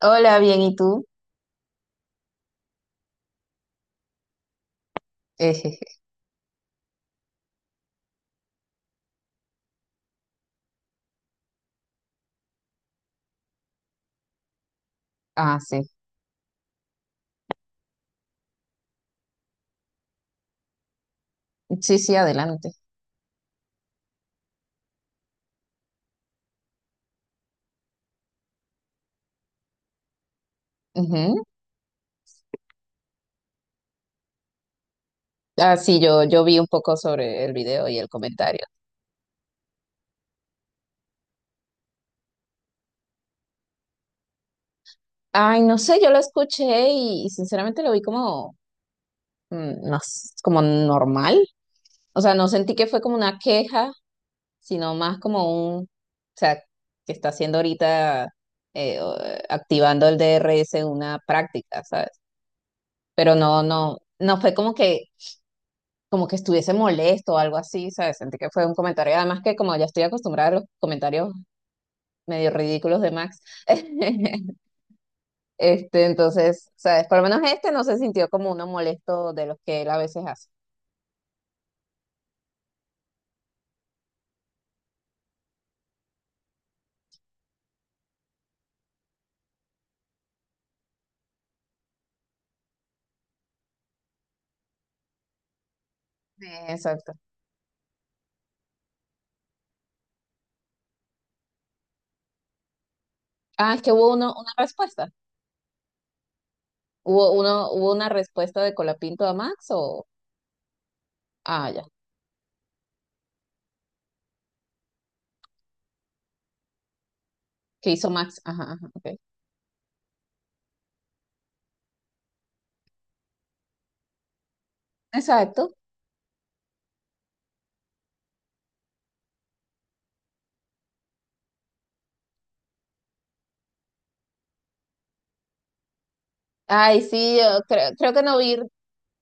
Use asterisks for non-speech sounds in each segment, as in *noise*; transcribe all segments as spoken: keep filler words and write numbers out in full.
Hola, bien, ¿y tú? Ejeje. Ah, sí. Sí, sí, adelante. Ujú. Ah, sí, yo, yo vi un poco sobre el video y el comentario. Ay, no sé, yo lo escuché y, y sinceramente lo vi como, mm, no s- como normal. O sea, no sentí que fue como una queja, sino más como un, o sea, que está haciendo ahorita, eh, o- activando el D R S una práctica, ¿sabes? Pero no, no, no fue como que como que estuviese molesto o algo así, ¿sabes? Sentí que fue un comentario, además que como ya estoy acostumbrada a los comentarios medio ridículos de Max. *laughs* Este, entonces, ¿sabes? Por lo menos este no se sintió como uno molesto de los que él a veces hace. Eh, Exacto. Ah, es que hubo uno, una respuesta. Hubo uno, hubo una respuesta de Colapinto a Max o... Ah, ya. ¿Qué hizo Max? Ajá, ajá, ok. Exacto. Ay, sí, yo creo, creo que no vi.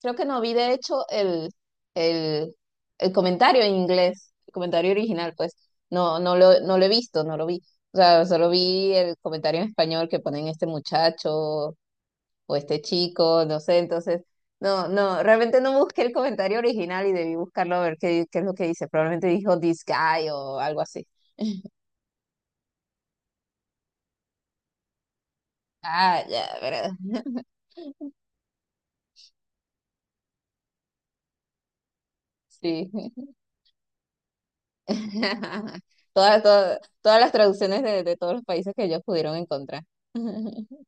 Creo que no vi, de hecho, el, el, el comentario en inglés, el comentario original, pues no, no lo, no lo he visto, no lo vi. O sea, solo vi el comentario en español que ponen este muchacho o este chico, no sé, entonces, no, no, realmente no busqué el comentario original y debí buscarlo a ver qué, qué es lo que dice. Probablemente dijo this guy o algo así. Ah, ya, ¿verdad? *laughs* Sí. *laughs* Todas, todas, todas las traducciones de, de todos los países que ellos pudieron encontrar. *laughs*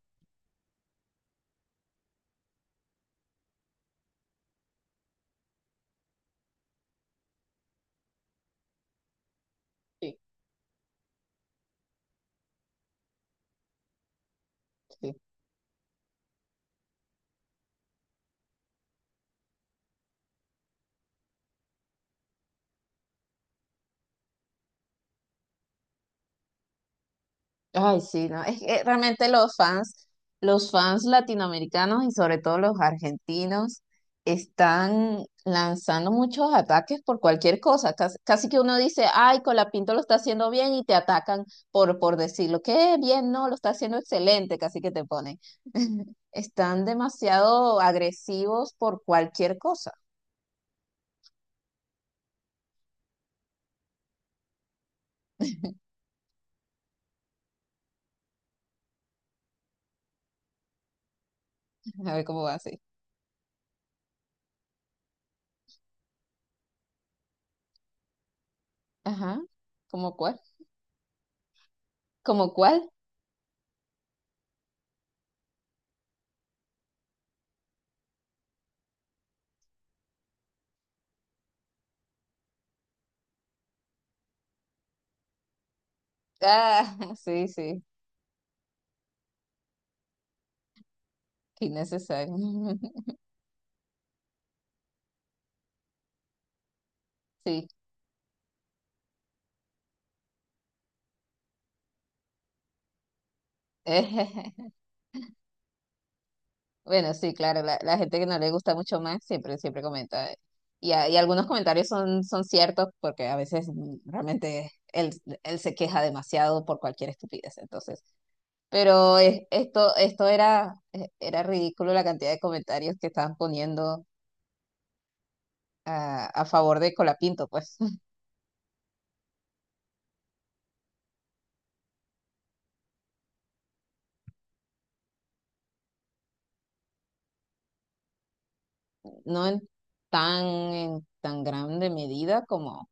Sí, sí. Ay, sí, no, es que realmente los fans, los fans latinoamericanos y sobre todo los argentinos están lanzando muchos ataques por cualquier cosa. Casi, casi que uno dice, ay, Colapinto lo está haciendo bien y te atacan por, por decirlo. Qué bien, no, lo está haciendo excelente, casi que te ponen. *laughs* Están demasiado agresivos por cualquier cosa. A ver cómo va así. Ajá, ¿cómo cuál? ¿Cómo cuál? Ah, *laughs* sí, sí, innecesario. *laughs* Sí. *laughs* Bueno, sí, claro, la, la gente que no le gusta mucho más siempre, siempre comenta. Eh, Y, a- y algunos comentarios son, son ciertos porque a veces mm, realmente él, él se queja demasiado por cualquier estupidez. Entonces, pero es- esto, esto era, eh, era ridículo la cantidad de comentarios que estaban poniendo a, a favor de Colapinto, pues *laughs* no en tan, en tan grande medida como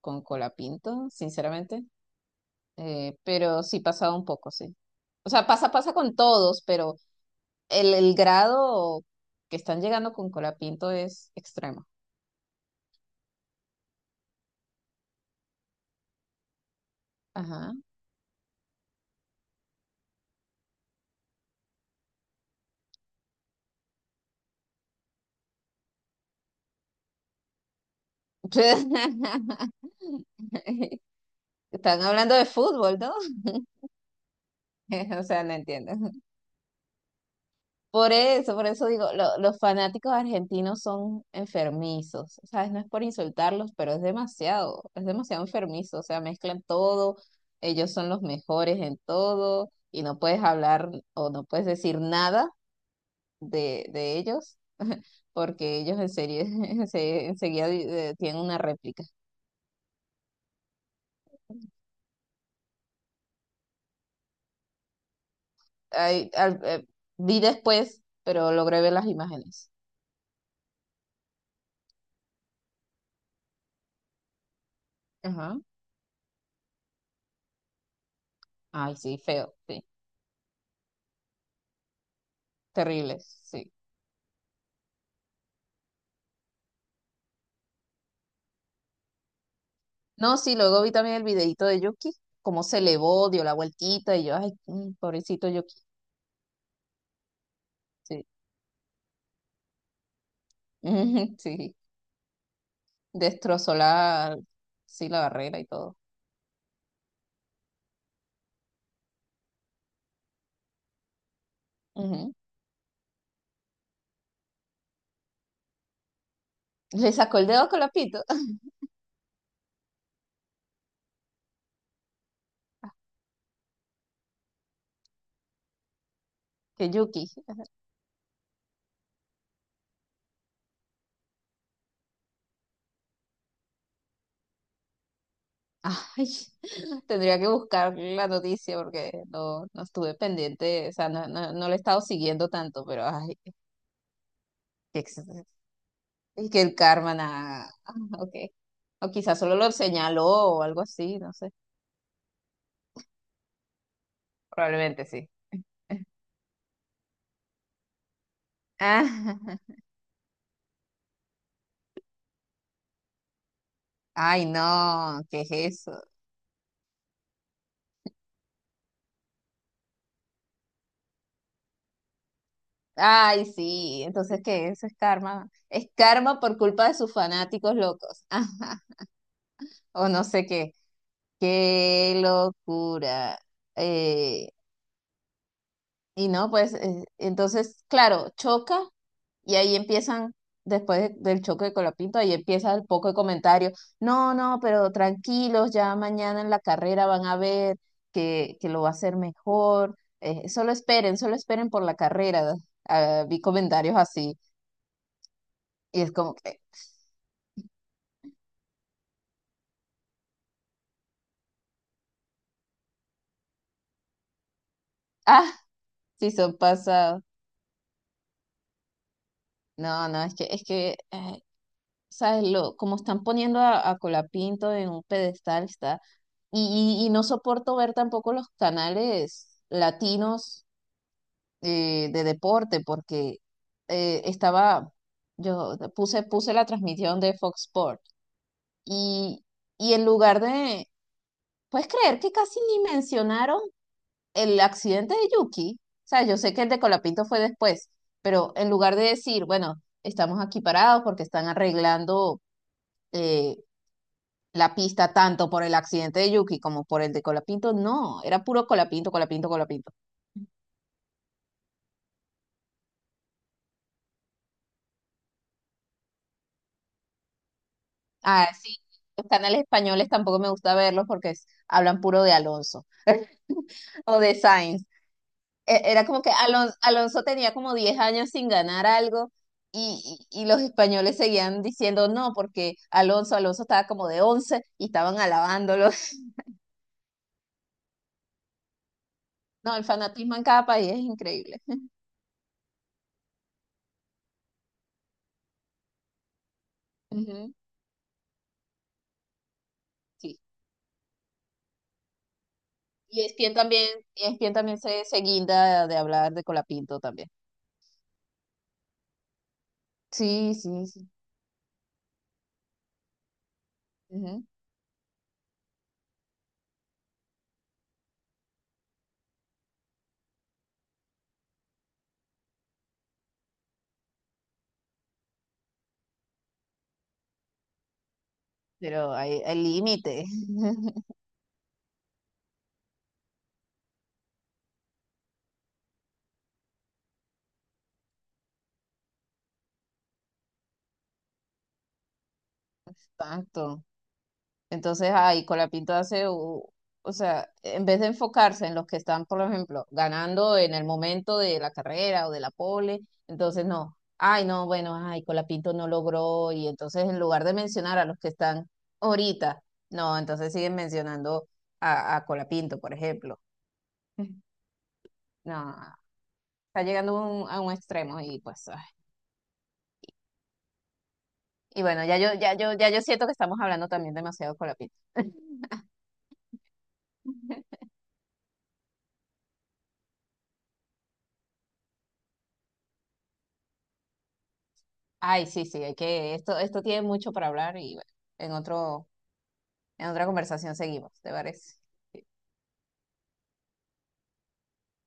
con Colapinto, sinceramente. Eh, pero sí pasaba un poco, sí. O sea, pasa, pasa con todos, pero el, el grado que están llegando con Colapinto es extremo. Ajá. *laughs* Están hablando de fútbol, ¿no? *laughs* O sea, no entiendo. Por eso, por eso digo, lo- los fanáticos argentinos son enfermizos, ¿sabes? No es por insultarlos, pero es demasiado, es demasiado enfermizo, o sea, mezclan todo, ellos son los mejores en todo y no puedes hablar o no puedes decir nada de, de ellos porque ellos en serio, *laughs* se enseguida di- eh, tienen una réplica. Ay, al- eh, vi después, pero logré ver las imágenes. Ajá. Ay, sí, feo, sí, terrible, sí. No, sí, luego vi también el videito de Yuki, cómo se elevó, dio la vueltita y yo, ay, mm, pobrecito Yuki, sí, *laughs* sí, destrozó la, sí, la barrera y todo. Ujú. Le sacó el dedo con la pito. *laughs* Que Yuki, ay, *laughs* tendría que buscar la noticia porque no, no estuve pendiente, o sea, no, no, no le he estado siguiendo tanto, pero ay, que, ex- y que el karma, nada. *laughs* Ah, ok, o quizás solo lo señaló o algo así, no sé, probablemente sí. *laughs* Ah. Ay, no, ¿qué es eso? Ay, sí, entonces, ¿qué? Eso es karma. Es karma por culpa de sus fanáticos locos. *laughs* Ajá, o no sé qué. Qué locura. Eh, y no, pues, eh, entonces, claro, choca. Y ahí empiezan, después de- del choque de Colapinto, ahí empieza el poco de comentarios. No, no, pero tranquilos, ya mañana en la carrera van a ver que, que lo va a hacer mejor. Eh, solo esperen, solo esperen por la carrera. Ah, vi comentarios así. Y es como que, ah, sí son pasados. No, no, es que, es que, eh, ¿sabes? Lo, como están poniendo a, a Colapinto en un pedestal, está. Y, y, y no soporto ver tampoco los canales latinos eh, de deporte porque eh, estaba, yo puse, puse la transmisión de Fox Sport y, y en lugar de, ¿puedes creer que casi ni mencionaron el accidente de Yuki? O sea, yo sé que el de Colapinto fue después, pero en lugar de decir, bueno, estamos aquí parados porque están arreglando eh, la pista tanto por el accidente de Yuki como por el de Colapinto, no, era puro Colapinto, Colapinto, Colapinto. Ah, sí, los canales españoles tampoco me gusta verlos porque es- hablan puro de Alonso *laughs* o de Sainz. E- Era como que Alonso Alonso, tenía como diez años sin ganar algo y, y- y los españoles seguían diciendo no, porque Alonso, Alonso estaba como de once y estaban alabándolo. *laughs* No, el fanatismo en cada país es increíble. Ujú, sí. Y E S P N también, E S P N también se, se guinda de hablar de Colapinto también. Sí, sí, sí. Ujú. Pero hay, hay límite. *laughs* Exacto. Entonces, ahí Colapinto hace, u- o sea, en vez de enfocarse en los que están, por ejemplo, ganando en el momento de la carrera o de la pole, entonces no, ay, no, bueno, ay, Colapinto no logró, y entonces en lugar de mencionar a los que están ahorita, no, entonces siguen mencionando a, a Colapinto, por ejemplo. *laughs* No, está llegando un- a un extremo y pues, ay. Y bueno, ya yo, ya yo, ya yo siento que estamos hablando también demasiado Colapinto. Ay, sí, sí, hay que, esto, esto tiene mucho para hablar y bueno, en otro. En otra conversación seguimos, ¿te parece?